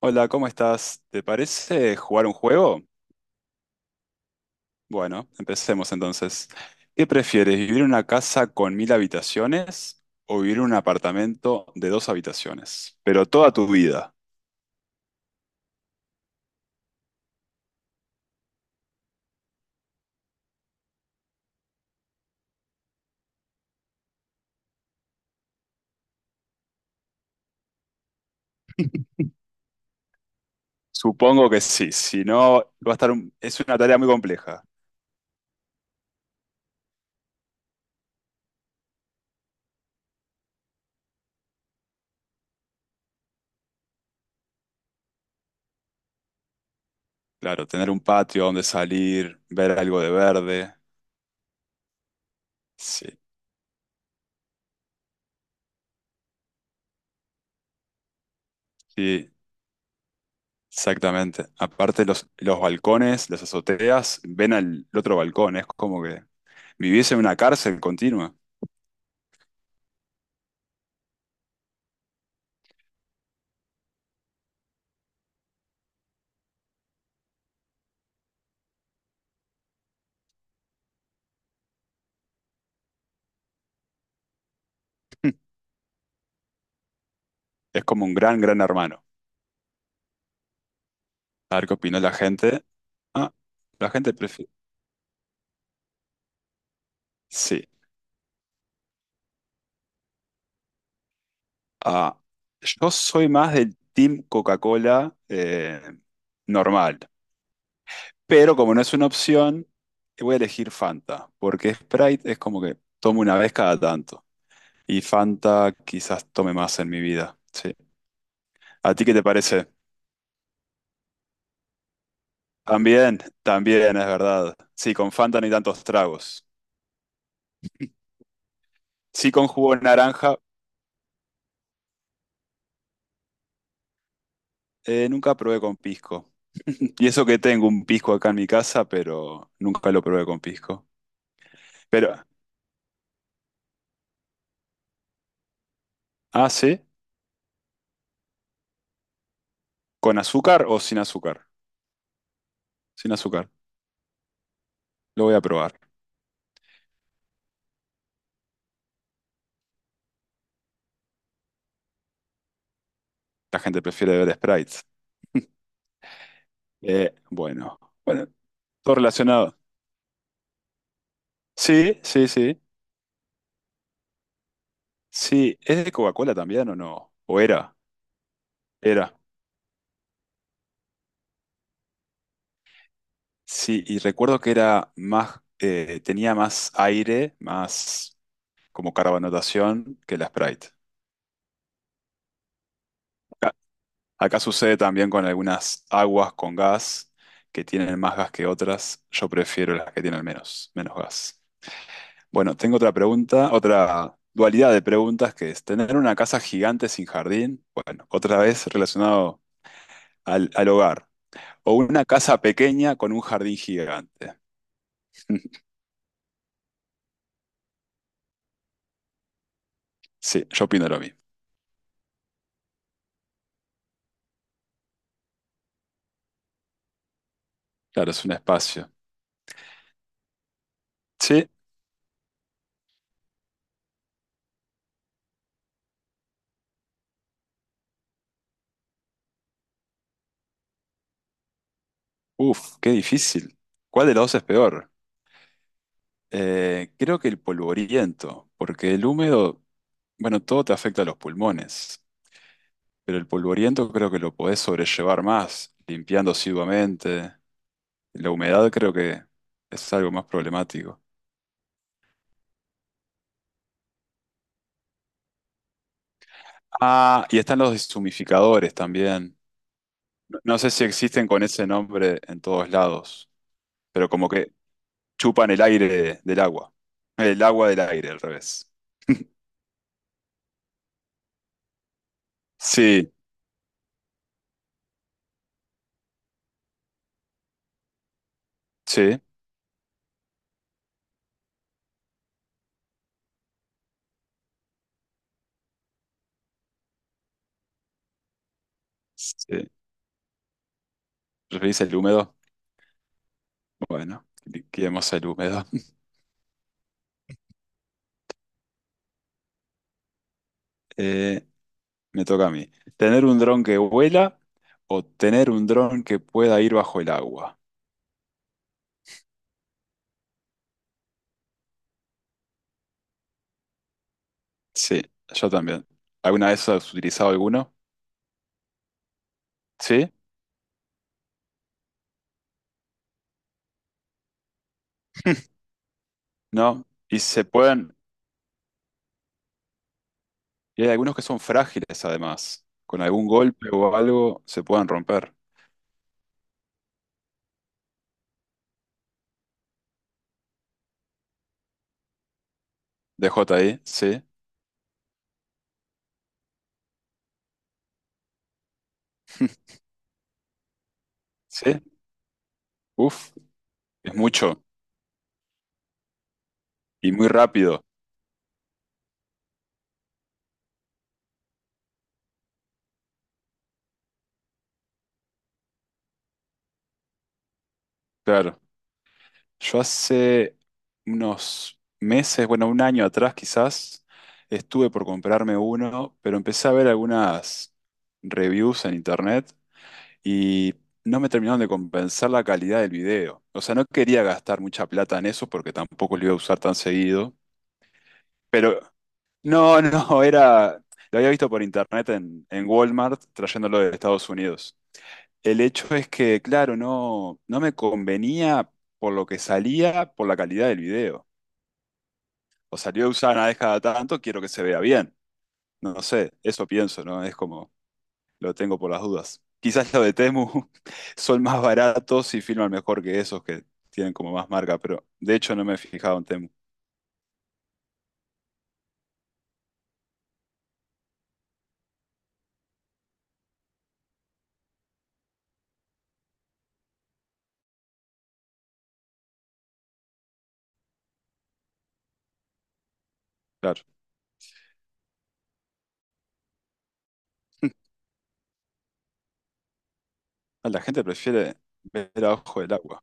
Hola, ¿cómo estás? ¿Te parece jugar un juego? Bueno, empecemos entonces. ¿Qué prefieres, vivir en una casa con 1.000 habitaciones o vivir en un apartamento de dos habitaciones? Pero toda tu vida. Supongo que sí, si no, va a estar es una tarea muy compleja. Claro, tener un patio donde salir, ver algo de verde. Sí, sí, exactamente. Aparte los balcones, las azoteas, ven al otro balcón, es como que viviese en una cárcel continua. Es como un gran, gran hermano. A ver qué opinó la gente. Ah, la gente prefiere. Sí. Ah, yo soy más del Team Coca-Cola normal. Pero como no es una opción, voy a elegir Fanta. Porque Sprite es como que tomo una vez cada tanto. Y Fanta quizás tome más en mi vida. Sí. ¿A ti qué te parece? También es verdad. Sí, con Fanta no hay tantos tragos. Sí, con jugo de naranja. Nunca probé con pisco. Y eso que tengo un pisco acá en mi casa, pero nunca lo probé con pisco. Pero, ah, sí, ¿con azúcar o sin azúcar? Sin azúcar. Lo voy a probar. La gente prefiere beber sprites. Bueno, bueno, todo relacionado. Sí, sí, sí. Sí, ¿es de Coca-Cola también o no? ¿O era? Era. Sí, y recuerdo que era más, tenía más aire, más como carbonatación que la Sprite. Acá sucede también con algunas aguas con gas que tienen más gas que otras. Yo prefiero las que tienen menos gas. Bueno, tengo otra pregunta, otra dualidad de preguntas que es tener una casa gigante sin jardín. Bueno, otra vez relacionado al hogar. O una casa pequeña con un jardín gigante. Sí, yo opino lo mismo. Claro, es un espacio. Sí, uff, qué difícil. ¿Cuál de los dos es peor? Creo que el polvoriento, porque el húmedo, bueno, todo te afecta a los pulmones, pero el polvoriento creo que lo podés sobrellevar más, limpiando asiduamente. La humedad creo que es algo más problemático. Ah, y están los deshumificadores también. No, no sé si existen con ese nombre en todos lados, pero como que chupan el aire del agua. El agua del aire, al revés. Sí, sí, sí. ¿Referís el húmedo? Bueno, liquidemos el húmedo. Eh, Me toca a mí. ¿Tener un dron que vuela o tener un dron que pueda ir bajo el agua? Sí, yo también. ¿Alguna vez has utilizado alguno? Sí, no. Y se pueden, y hay algunos que son frágiles además. Con algún golpe o algo se pueden romper. DJ. Ahí, sí, sí. Uf, es mucho y muy rápido. Claro. Yo hace unos meses, bueno, un año atrás quizás, estuve por comprarme uno, pero empecé a ver algunas reviews en internet y no me terminaron de compensar la calidad del video. O sea, no quería gastar mucha plata en eso porque tampoco lo iba a usar tan seguido. Pero no, no, era... Lo había visto por internet en Walmart trayéndolo de Estados Unidos. El hecho es que, claro, no, no me convenía por lo que salía, por la calidad del video. O salió usada una vez cada tanto, quiero que se vea bien. No, no sé, eso pienso, ¿no? Es como, lo tengo por las dudas. Quizás los de Temu son más baratos y filman mejor que esos que tienen como más marca, pero de hecho no me he fijado en Temu. Claro, ah, la gente prefiere ver a ojo del agua.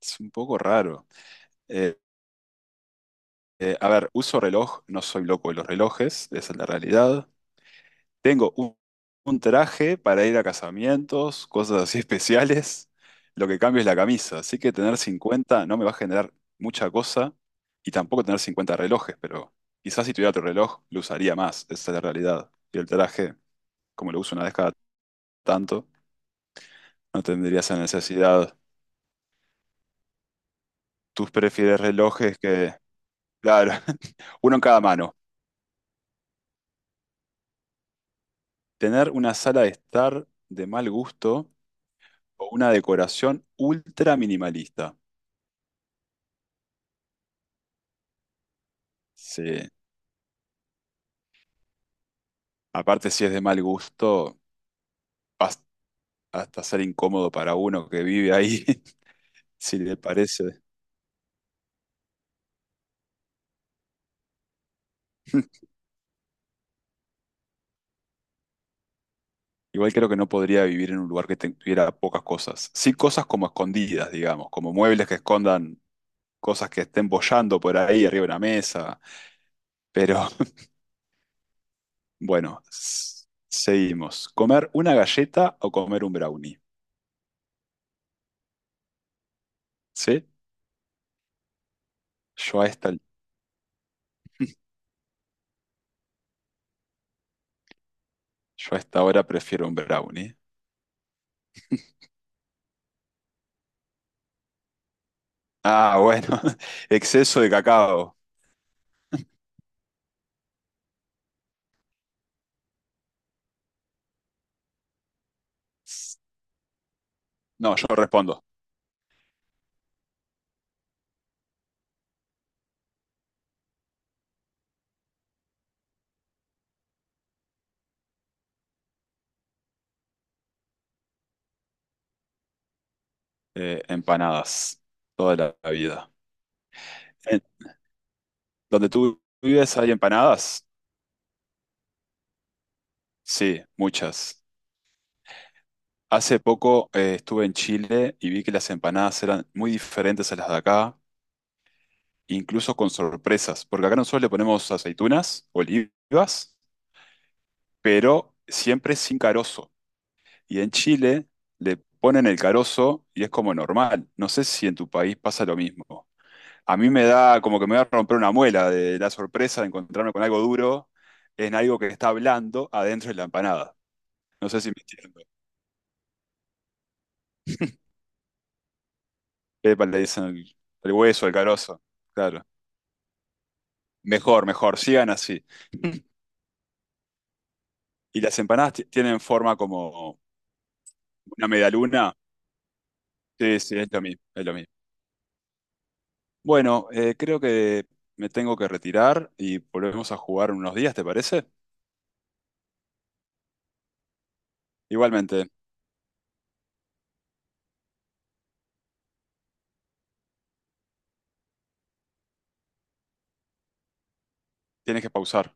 Es un poco raro. Eh, a ver, uso reloj, no soy loco de los relojes, esa es la realidad. Tengo un traje para ir a casamientos, cosas así especiales. Lo que cambio es la camisa. Así que tener 50 no me va a generar mucha cosa y tampoco tener 50 relojes, pero quizás si tuviera otro reloj lo usaría más. Esa es la realidad. Y el traje, como lo uso una vez cada tanto, no tendría esa necesidad. ¿Tú prefieres relojes que... Claro, uno en cada mano. Tener una sala de estar de mal gusto o una decoración ultra minimalista. Sí. Aparte, si es de mal gusto, vas- hasta ser incómodo para uno que vive ahí, si le parece. Igual creo que no podría vivir en un lugar que tuviera pocas cosas. Sí, cosas como escondidas, digamos, como muebles que escondan cosas que estén boyando por ahí arriba de una mesa. Pero bueno, seguimos. ¿Comer una galleta o comer un brownie? ¿Sí? Yo a esta, yo a esta hora prefiero un brownie. Ah, bueno, exceso de cacao. No, yo no respondo. Empanadas toda la vida. Eh, ¿Donde tú vives hay empanadas? Sí, muchas. Hace poco estuve en Chile y vi que las empanadas eran muy diferentes a las de acá, incluso con sorpresas, porque acá nosotros le ponemos aceitunas, olivas, pero siempre sin carozo. Y en Chile le ponen el carozo y es como normal. No sé si en tu país pasa lo mismo. A mí me da como que me va a romper una muela de la sorpresa de encontrarme con algo duro en algo que está blando adentro de la empanada. No sé si me entiendo. Pepa le dicen el hueso, el carozo. Claro. Mejor, mejor, sigan así. Y las empanadas tienen forma como una medialuna. Sí, sí, es lo mismo, es lo mismo. Bueno, creo que me tengo que retirar y volvemos a jugar en unos días, ¿te parece? Igualmente, tienes que pausar.